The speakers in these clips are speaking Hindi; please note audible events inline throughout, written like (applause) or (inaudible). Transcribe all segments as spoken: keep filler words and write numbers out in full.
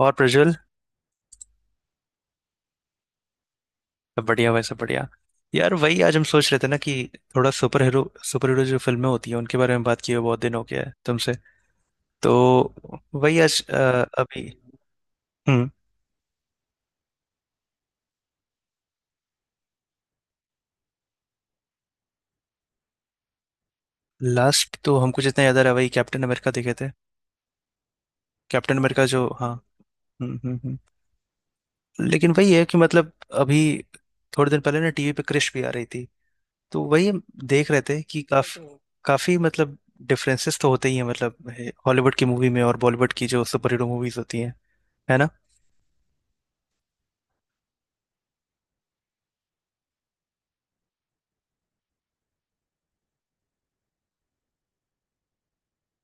और प्रज्वल। सब बढ़िया भाई, सब बढ़िया। यार वही आज हम सोच रहे थे ना कि थोड़ा सुपर हीरो सुपर हीरो जो फिल्में होती हैं उनके बारे में बात किए हुए बहुत दिन हो गया है तुमसे। तो वही आज अ, अभी। हम्म। लास्ट तो हमको जितना याद आ रहा है वही कैप्टन अमेरिका देखे थे। कैप्टन अमेरिका जो, हाँ। हम्म हम्म हम्म। लेकिन वही है कि मतलब अभी थोड़े दिन पहले ना टीवी पे क्रिश भी आ रही थी, तो वही हम देख रहे थे कि काफी काफी मतलब डिफरेंसेस तो होते ही हैं, मतलब हॉलीवुड की मूवी में और बॉलीवुड की जो सुपर हीरो मूवीज होती हैं, है ना।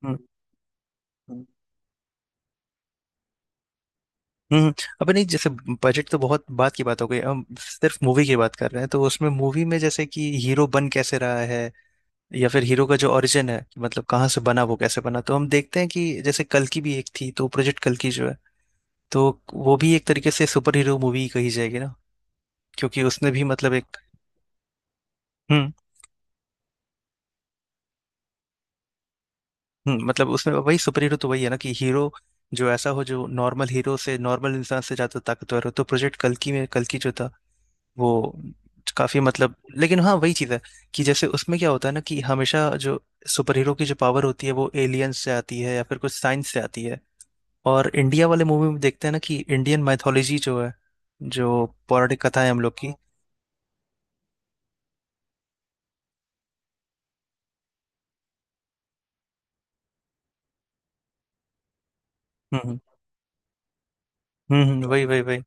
हम्म हम्म, हम्म। अब नहीं जैसे बजट तो बहुत बात की बात हो गई, हम सिर्फ मूवी की बात कर रहे हैं तो उसमें मूवी में जैसे कि हीरो बन कैसे रहा है या फिर हीरो का जो ओरिजिन है, मतलब कहाँ से बना वो कैसे बना। तो हम देखते हैं कि जैसे कल की भी एक थी, तो प्रोजेक्ट कल की जो है तो वो भी एक तरीके से सुपर हीरो मूवी कही जाएगी ना, क्योंकि उसने भी मतलब एक। हम्म हम्म। मतलब उसमें वही सुपर हीरो तो वही है ना कि हीरो जो ऐसा हो जो नॉर्मल हीरो से नॉर्मल इंसान से ज्यादा ताकतवर हो। तो प्रोजेक्ट कल्कि में कल्कि जो था वो काफी मतलब लेकिन हाँ वही चीज है कि जैसे उसमें क्या होता है ना कि हमेशा जो सुपर हीरो की जो पावर होती है वो एलियंस से आती है या फिर कुछ साइंस से आती है। और इंडिया वाले मूवी में देखते हैं ना कि इंडियन मैथोलॉजी जो है, जो पौराणिक कथा है हम लोग की। हम्म हम्म हम्म, हम्म, वही वही वही।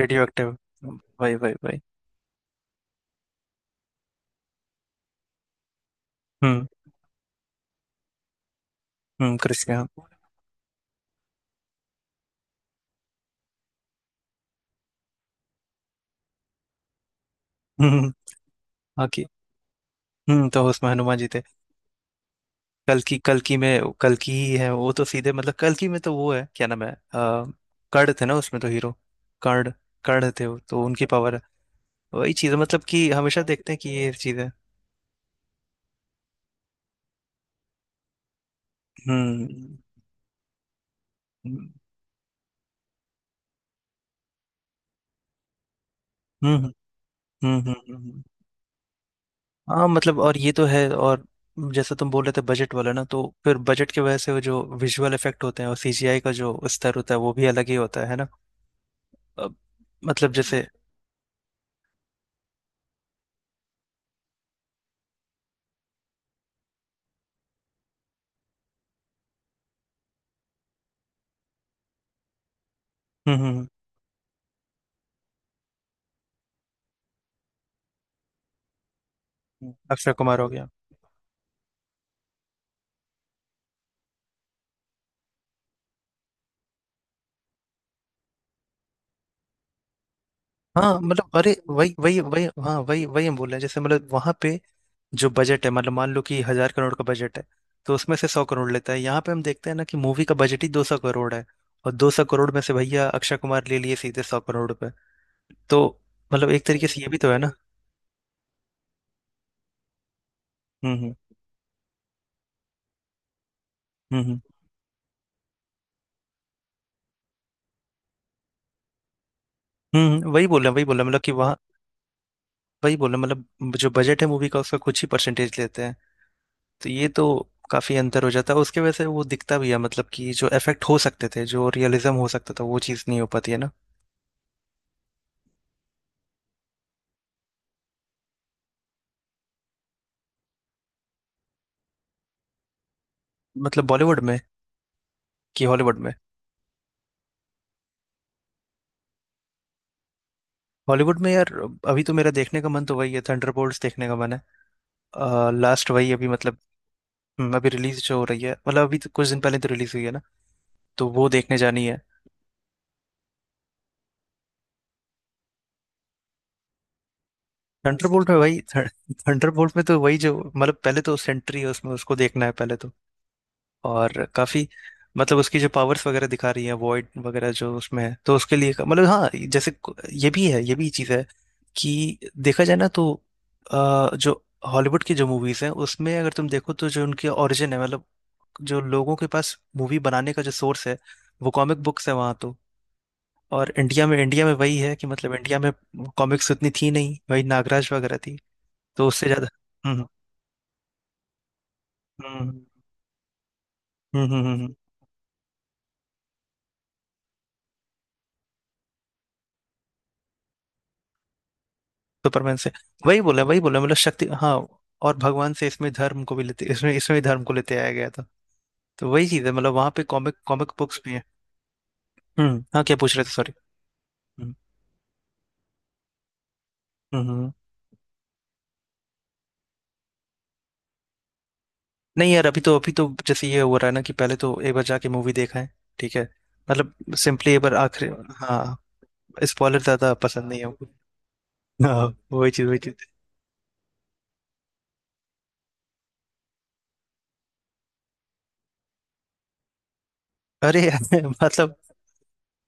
Radio active. वही वही वही। हम्म हम्म कृष्ण हाँ। हम्म, हाँ कि हम्म तो उसमें हनुमान जी थे। कल्कि कल्कि में कल्कि ही है वो तो, सीधे मतलब कल्कि में तो वो है क्या नाम है अ, कर्ण थे ना उसमें तो हीरो। कर्ण। कर्ण थे वो तो, उनकी पावर है वही चीज है, मतलब कि हमेशा देखते हैं कि ये चीजें। हम्म हम्म हम्म हम्म हम्म, हम्म। हाँ मतलब और ये तो है, और जैसे तुम बोल रहे थे बजट वाला ना, तो फिर बजट की वजह से वो जो विजुअल इफेक्ट होते हैं और सीजीआई का जो स्तर होता है वो भी अलग ही होता है है ना। अब मतलब जैसे हम्म हम्म हम्म, अक्षय कुमार हो गया। हाँ मतलब अरे वही वही वही हाँ वही वही, हम बोल रहे हैं जैसे मतलब वहां पे जो बजट है मतलब मान लो कि हजार करोड़ का बजट है, तो उसमें से सौ करोड़ लेता है। यहाँ पे हम देखते हैं ना कि मूवी का बजट ही दो सौ करोड़ है, और दो सौ करोड़ में से भैया अक्षय कुमार ले लिए सीधे सौ करोड़ पे। तो मतलब एक तरीके से ये भी तो है ना। हम्म हम्म हम्म हम्म हम्म, हम्म, वही बोल रहे हैं वही बोल रहे हैं मतलब कि वहाँ वही बोल रहे हैं मतलब जो बजट है मूवी का उसका कुछ ही परसेंटेज लेते हैं। तो ये तो काफी अंतर हो जाता है, उसके वजह से वो दिखता भी है मतलब कि जो इफेक्ट हो सकते थे, जो रियलिज्म हो सकता था वो चीज़ नहीं हो पाती है ना। मतलब बॉलीवुड में कि हॉलीवुड में। हॉलीवुड में यार अभी तो मेरा देखने का मन तो वही है, थंडरबोल्ट्स देखने का मन है। लास्ट वही अभी मतलब हम्म, अभी रिलीज जो हो रही है मतलब अभी तो कुछ दिन पहले तो रिलीज हुई है ना, तो वो देखने जानी है। थंडरबोल्ट में वही थंडरबोल्ट में तो वही जो मतलब पहले तो सेंट्री है उसमें, उसको देखना है पहले तो। और काफी मतलब उसकी जो पावर्स वगैरह दिखा रही है वॉइड वगैरह जो उसमें है, तो उसके लिए मतलब हाँ जैसे को- ये भी है, ये भी चीज़ है कि देखा जाए ना तो अ, जो हॉलीवुड की जो मूवीज हैं उसमें अगर तुम देखो तो जो उनके ओरिजिन है मतलब जो लोगों के पास मूवी बनाने का जो सोर्स है वो कॉमिक बुक्स है वहाँ तो। और इंडिया में इंडिया में वही है कि मतलब इंडिया में कॉमिक्स उतनी थी नहीं, वही नागराज वगैरह थी। तो उससे ज्यादा। हम्म हम्म हम्म हम्म हम्म, हम्म। हम्म। सुपरमैन से वही बोला वही बोला मतलब शक्ति हाँ। और भगवान से इसमें धर्म को भी लेते इसमें इसमें भी धर्म को लेते आया गया था। तो वही चीज है मतलब वहां पे कॉमिक कॉमिक बुक्स भी है। हम्म, हाँ क्या पूछ रहे थे सॉरी। हम्म हम्म। नहीं यार, अभी तो अभी तो जैसे ये हो रहा है ना कि पहले तो एक बार जाके मूवी देखा है। ठीक है। मतलब सिंपली एक बार आखिरी। हाँ स्पॉइलर ज्यादा पसंद नहीं है हमको। हाँ वही चीज वही चीज। अरे (laughs) यार, मतलब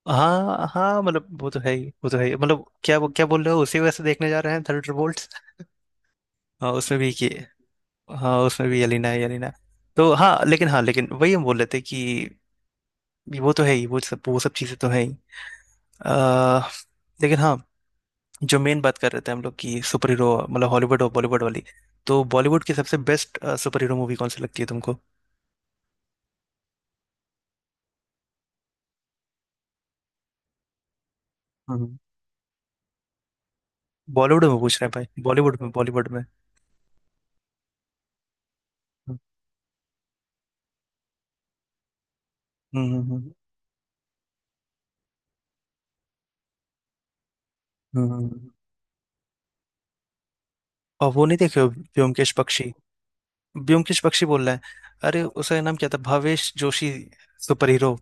हाँ हाँ मतलब वो तो है ही वो तो है ही मतलब, क्या क्या बोल रहे हो, उसी वजह से देखने जा रहे हैं थंडरबोल्ट्स। हाँ उसमें भी कि हाँ उसमें भी यलिना है यलिना। तो हाँ लेकिन हाँ लेकिन वही हम बोल रहे थे कि वो तो है ही, वो सब वो सब चीज़ें तो है ही। अ, लेकिन हाँ जो मेन बात कर रहे थे हम लोग की सुपर हीरो मतलब हॉलीवुड और बॉलीवुड वाली, तो बॉलीवुड की सबसे बेस्ट सुपर हीरो मूवी कौन सी लगती है तुमको? हम्म, बॉलीवुड में पूछ रहे हैं भाई, बॉलीवुड में बॉलीवुड में। हम्म हम्म हम्म हम्म। हम्म, हम्म। और वो नहीं देखे हो ब्योमकेश बख्शी। ब्योमकेश बख्शी बोल रहा है, अरे उसका नाम क्या था, भावेश जोशी सुपर हीरो।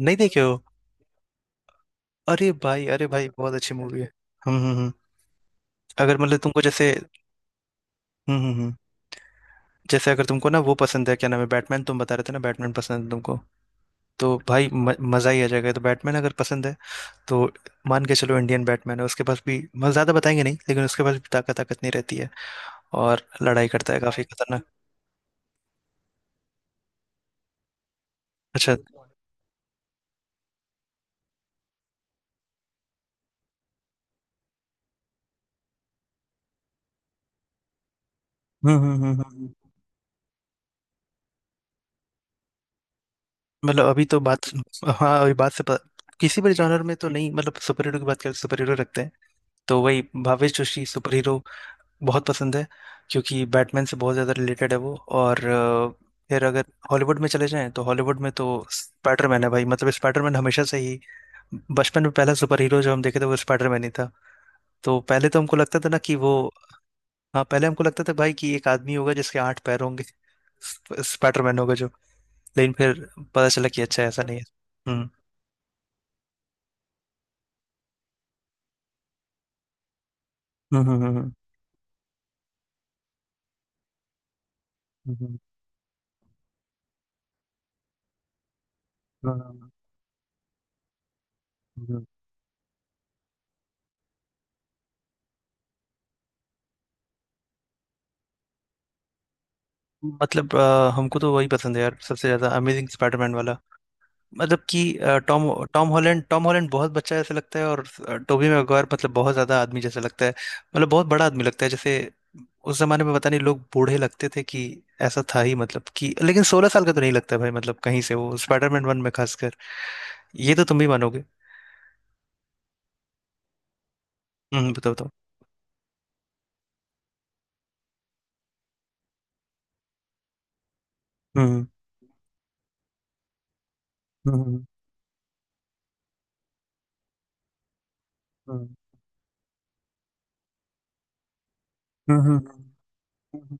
नहीं देखे हो? अरे भाई अरे भाई बहुत अच्छी मूवी है। हम्म हम्म हम्म। अगर मतलब तुमको जैसे। हम्म हम्म हम्म। जैसे अगर तुमको ना वो पसंद है, क्या नाम है बैटमैन, तुम बता रहे थे ना बैटमैन पसंद है तुमको, तो भाई म, मजा ही आ जाएगा। तो बैटमैन अगर पसंद है तो मान के चलो इंडियन बैटमैन है, उसके पास भी मतलब ज्यादा बताएंगे नहीं लेकिन उसके पास भी ताकत ताकत नहीं रहती है, और लड़ाई करता है काफी खतरनाक। अच्छा। हम्म हम्म हम्म हम्म हम्म। मतलब अभी तो बात, हाँ अभी बात से प- किसी भी जॉनर में तो नहीं, मतलब सुपर हीरो की बात करें, सुपर हीरो रखते हैं तो वही भावेश जोशी सुपर हीरो बहुत पसंद है क्योंकि बैटमैन से बहुत ज़्यादा रिलेटेड है वो। और अ, फिर अगर हॉलीवुड में चले जाएं तो हॉलीवुड में तो स्पाइडरमैन है भाई, मतलब स्पाइडरमैन हमेशा से ही बचपन में पहला सुपर हीरो जो हम देखे थे वो स्पाइडरमैन ही था। तो पहले तो हमको लगता था ना कि वो, हाँ पहले हमको लगता था भाई कि एक आदमी होगा जिसके आठ पैर होंगे, स्प- स्पाइडरमैन होगा जो। लेकिन फिर पता चला कि अच्छा ऐसा नहीं है। हम्म हम्म हम्म हम्म हम्म, हम्म, हम्म। हम्म। मतलब अ, हमको तो वही पसंद है यार सबसे ज्यादा अमेजिंग स्पाइडरमैन वाला, मतलब कि अ, Tom. Tom Holland Tom Holland बहुत बच्चा जैसा लगता है, और अ, टोबी मैguire मतलब बहुत ज्यादा आदमी जैसा लगता है, मतलब बहुत बड़ा आदमी लगता है जैसे उस जमाने में पता नहीं लोग बूढ़े लगते थे कि ऐसा था ही, मतलब कि लेकिन सोलह साल का तो नहीं लगता भाई मतलब कहीं से वो, स्पाइडरमैन वन में खासकर ये तो तुम भी मानोगे। हम्म बताओ बताओ। हम्म हम्म हम्म हम्म हम्म, हम्म। हम्म,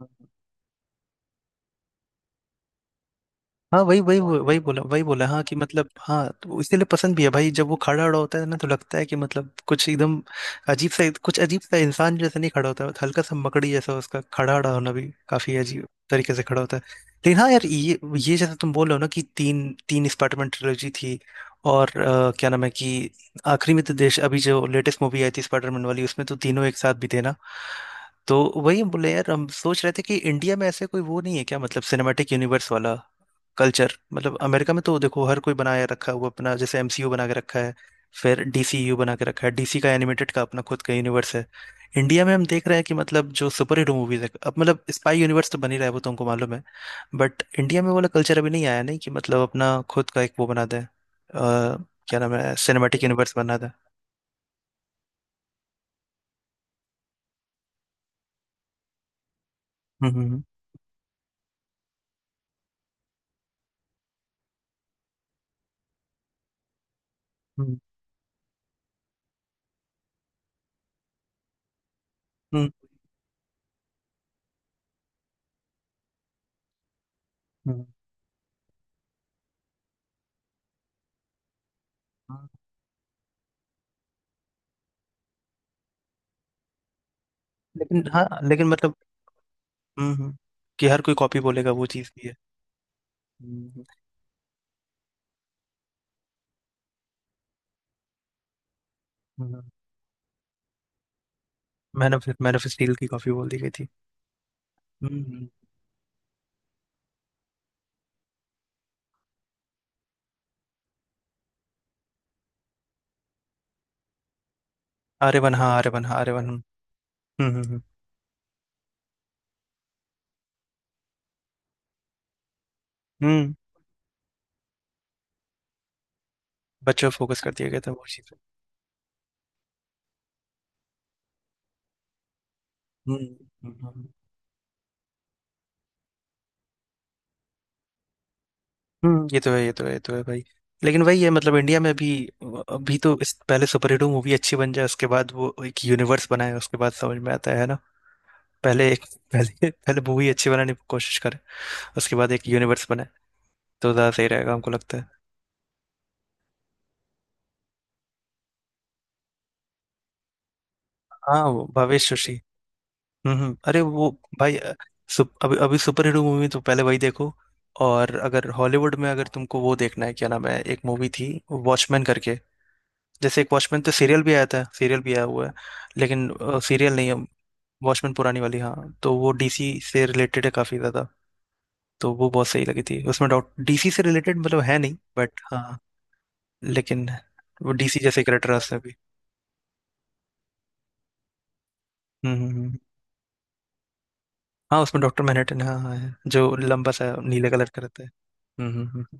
हम्म। हाँ वही वही वो- वही बोला वही बोला, हाँ कि मतलब हाँ तो इसीलिए पसंद भी है भाई, जब वो खड़ा खड़ा होता है ना तो लगता है कि मतलब कुछ एकदम अजीब सा, कुछ अजीब सा इंसान जैसा नहीं खड़ा होता है, हल्का सा मकड़ी जैसा उसका खड़ा खड़ा होना भी काफी अजीब तरीके से खड़ा होता है। लेकिन हाँ यार, ये ये जैसा तुम बोल रहे हो ना कि तीन तीन स्पाइडरमैन ट्रिलॉजी थी, और अ, क्या नाम है कि आखिरी में तो देश अभी जो लेटेस्ट मूवी आई थी स्पाइडरमैन वाली उसमें तो तीनों एक साथ भी थे ना। तो वही हम बोले यार, हम सोच रहे थे कि इंडिया में ऐसे कोई वो नहीं है क्या, मतलब सिनेमैटिक यूनिवर्स वाला कल्चर, मतलब अमेरिका में तो देखो हर कोई बनाया रखा है वो अपना, जैसे एमसीयू बना के रखा है, फिर डीसीयू बना के रखा है, डीसी का एनिमेटेड का अपना खुद का यूनिवर्स है। इंडिया में हम देख रहे हैं कि मतलब जो सुपर हीरो मूवीज है अब, मतलब स्पाई यूनिवर्स तो बन ही रहा है वो तुमको मालूम है, बट इंडिया में वो वाला कल्चर अभी नहीं आया, नहीं कि मतलब अपना खुद का एक वो बना दें अ, क्या नाम है सिनेमेटिक यूनिवर्स बना दें। हम्म हम्म हम्म हम्म, हम्म, हम्म। हम्म, लेकिन हाँ लेकिन मतलब। हम्म हम्म, कि हर कोई कॉपी बोलेगा वो चीज़ भी है। हम्म हम्म, man of man of steel की काफी बोल दी गई थी। हम्म हम्म। आर्य वन हाँ आर्य वन हाँ आर्य वन हम्म। हम्म हम्म हम्म, बच्चों पे फोकस कर दिया गया था वो चीज। हम्म हम्म, हम्म। हम्म, ये तो है ये तो है ये तो है भाई। लेकिन वही है मतलब इंडिया में अभी अभी तो इस पहले सुपर हीरो मूवी अच्छी बन जाए, उसके बाद वो एक यूनिवर्स बनाए उसके बाद समझ में आता है है ना। पहले एक पहले पहले मूवी अच्छी बनाने की कोशिश करें, उसके बाद एक यूनिवर्स बनाए, तो ज्यादा सही रहेगा हमको लगता है। हाँ वो भावेश। हम्म अरे वो भाई अ, सुप, अभी अभी सुपर हीरो मूवी तो पहले वही देखो। और अगर हॉलीवुड में अगर तुमको वो देखना है क्या नाम है, एक मूवी थी वॉचमैन करके, जैसे एक वॉचमैन तो सीरियल भी आया था सीरियल भी आया हुआ है, लेकिन सीरियल नहीं है वॉचमैन पुरानी वाली हाँ। तो वो डीसी से रिलेटेड है काफी ज्यादा, तो वो बहुत सही लगी थी, उसमें डॉट डीसी से रिलेटेड मतलब है नहीं बट हाँ लेकिन वो डीसी जैसे करेक्टर है उसमें भी। हम्म हम्म हम्म। हाँ उसमें डॉक्टर मैनहट्टन हाँ हाँ है, जो लंबा सा नीले कलर का रहता है। हम्म हम्म हम्म।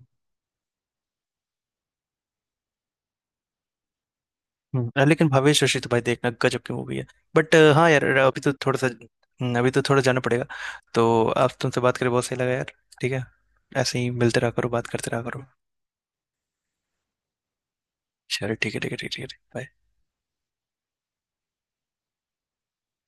हम्म, अ, लेकिन भावेश रशी तो भाई देखना, गजब की मूवी है, बट हाँ यार अभी तो थोड़ा सा हम्म, अभी तो थोड़ा जाना पड़ेगा। तो आप तुमसे बात करें बहुत सही लगा यार, ठीक है, ऐसे ही मिलते रहा करो बात करते रहा करो। चलो ठीक है ठीक है ठीक है ठीक है बाय।